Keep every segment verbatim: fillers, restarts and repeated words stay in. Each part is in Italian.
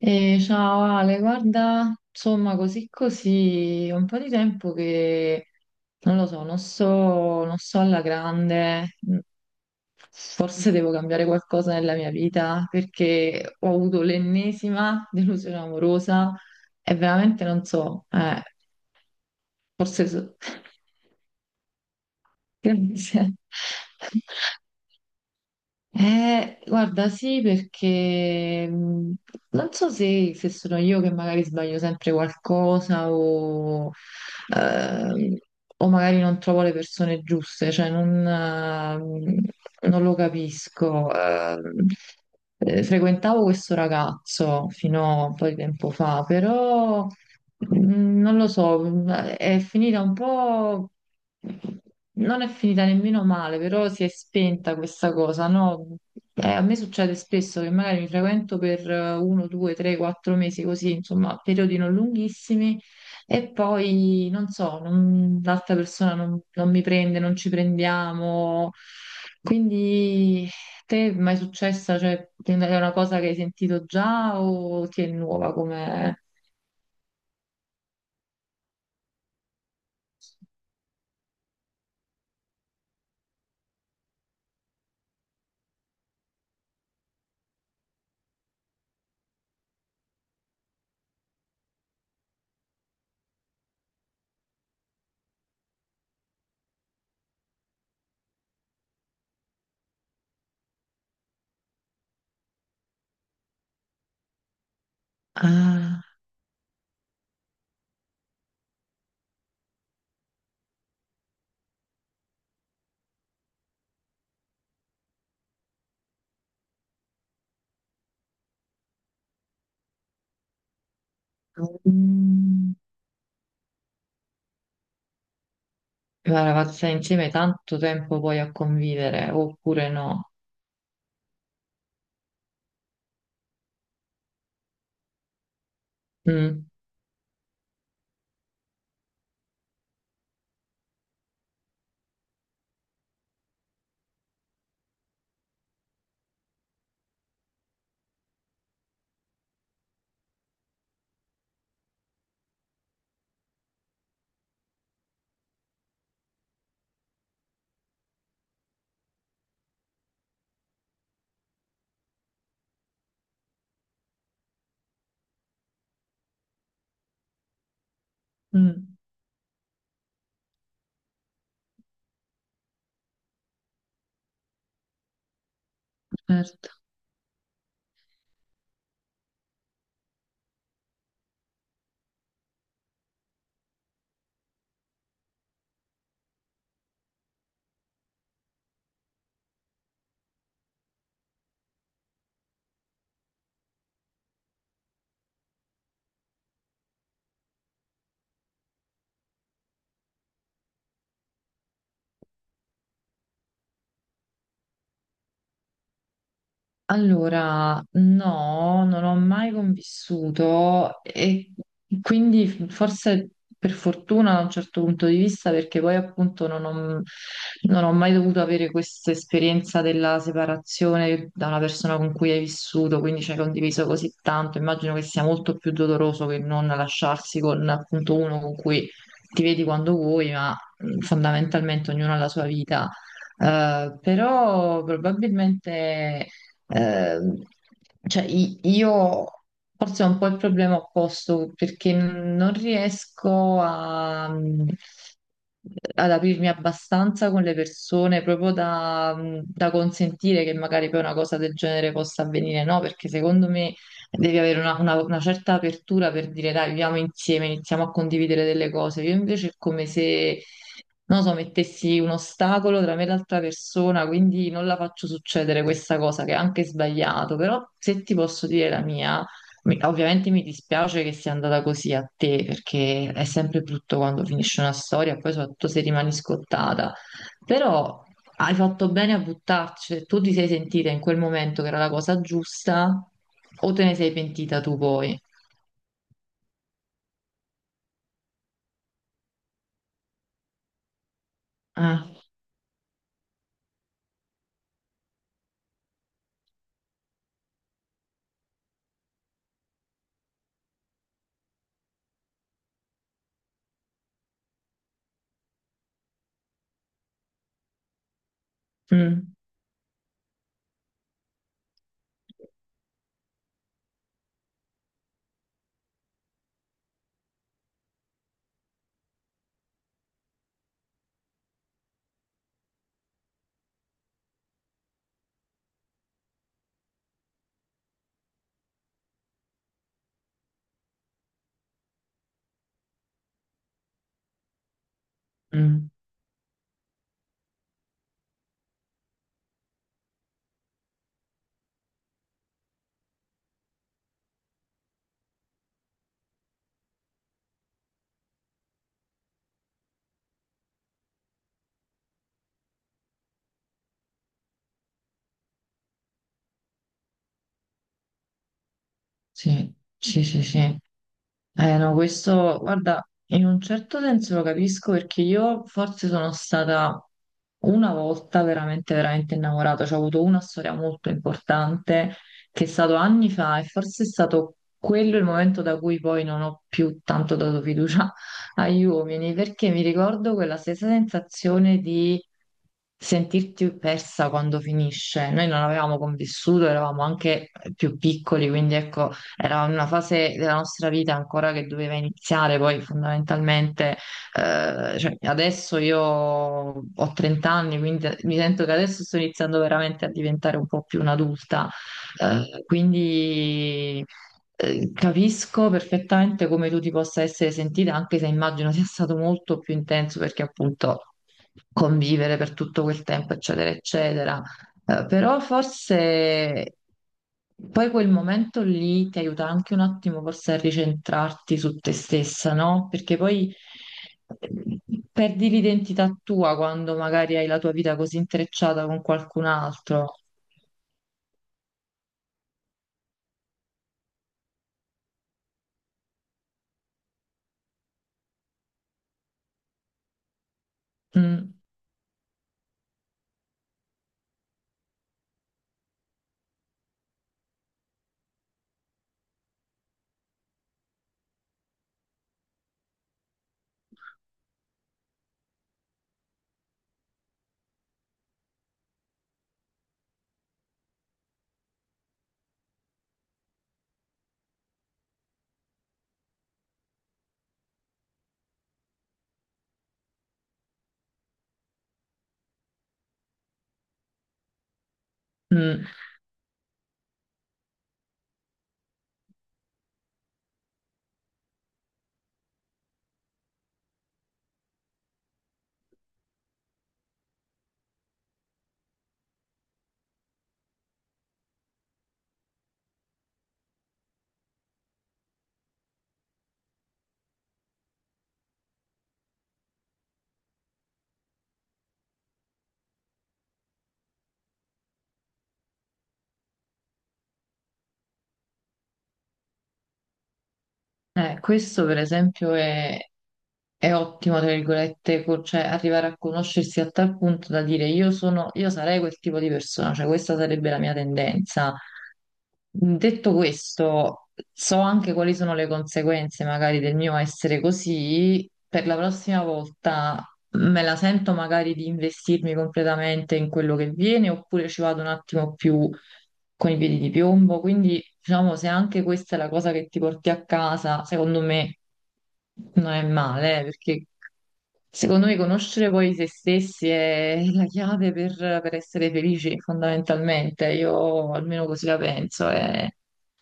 Eh, ciao Ale, guarda, insomma, così così, è un po' di tempo che non lo so, non so, non so alla grande, mm, forse devo cambiare qualcosa nella mia vita perché ho avuto l'ennesima delusione amorosa e veramente non so, eh, forse so- Grazie. Eh, guarda, sì, perché mh, non so se, se sono io che magari sbaglio sempre qualcosa o, ehm, o magari non trovo le persone giuste, cioè non, ehm, non lo capisco. Ehm, eh, frequentavo questo ragazzo fino a un po' di tempo fa, però. Mm, Non lo so, è finita un po', non è finita nemmeno male, però si è spenta questa cosa, no? Eh, a me succede spesso che magari mi frequento per eh, uno, due, tre, quattro mesi così, insomma, periodi non lunghissimi e poi, non so, non- l'altra persona non, non mi prende, non ci prendiamo. Quindi, te è mai successa? Cioè, è una cosa che hai sentito già o ti è nuova come? Ah. Mm. La ragazza insieme tanto tempo poi a convivere, oppure no? Mm. Mm, certo. Allora, no, non ho mai convissuto e quindi forse per fortuna da un certo punto di vista, perché poi appunto non ho, non ho mai dovuto avere questa esperienza della separazione da una persona con cui hai vissuto, quindi ci hai condiviso così tanto, immagino che sia molto più doloroso che non lasciarsi con appunto uno con cui ti vedi quando vuoi, ma mh, fondamentalmente ognuno ha la sua vita. Eh, però probabilmente, Ehm, cioè, i- io forse ho un po' il problema opposto perché non riesco a, ad aprirmi abbastanza con le persone proprio da, da consentire che magari poi una cosa del genere possa avvenire, no? Perché secondo me devi avere una, una- una certa apertura per dire dai, viviamo insieme, iniziamo a condividere delle cose. Io invece è come se, non so, mettessi un ostacolo tra me e l'altra persona, quindi non la faccio succedere questa cosa che è anche sbagliato, però se ti posso dire la mia, mi- ovviamente mi dispiace che sia andata così a te, perché è sempre brutto quando finisce una storia, poi soprattutto se rimani scottata. Però hai fatto bene a buttarci, se tu ti sei sentita in quel momento che era la cosa giusta, o te ne sei pentita tu poi? Ah, mm, mm, sì, sì, sì, sì. Eh no, questo, guarda, in un certo senso lo capisco perché io forse sono stata una volta veramente, veramente innamorata, cioè ho avuto una storia molto importante che è stato anni fa e forse è stato quello il momento da cui poi non ho più tanto dato fiducia agli uomini, perché mi ricordo quella stessa sensazione di sentirti persa quando finisce. Noi non avevamo convissuto, eravamo anche più piccoli, quindi ecco, era una fase della nostra vita ancora che doveva iniziare, poi fondamentalmente, eh, cioè, adesso io ho trenta anni, quindi mi sento che adesso sto iniziando veramente a diventare un po' più un'adulta, eh, quindi. eh, Capisco perfettamente come tu ti possa essere sentita, anche se immagino sia stato molto più intenso perché appunto convivere per tutto quel tempo, eccetera, eccetera. Eh, Però forse poi quel momento lì ti aiuta anche un attimo forse a ricentrarti su te stessa, no? Perché poi eh, perdi l'identità tua quando magari hai la tua vita così intrecciata con qualcun altro. Mm, mm. Eh, questo per esempio è, è ottimo, tra virgolette, co- cioè arrivare a conoscersi a tal punto da dire io sono, io sarei quel tipo di persona, cioè questa sarebbe la mia tendenza. Mm, Detto questo, so anche quali sono le conseguenze magari del mio essere così, per la prossima volta me la sento magari di investirmi completamente in quello che viene oppure ci vado un attimo più con i piedi di piombo. Quindi, diciamo, se anche questa è la cosa che ti porti a casa, secondo me non è male, eh, perché secondo me conoscere poi se stessi è la chiave per, per essere felici, fondamentalmente. Io almeno così la penso. E...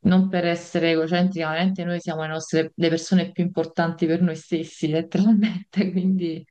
Non per essere egocentrica, veramente noi siamo le nostre- le persone più importanti per noi stessi, letteralmente, quindi.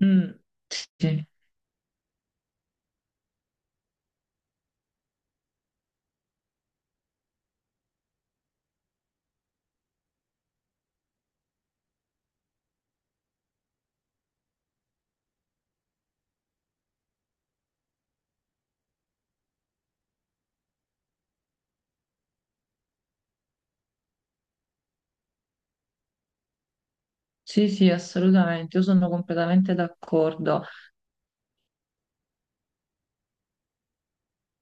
Mm, sì, sì, sì, sì, assolutamente, io sono completamente d'accordo.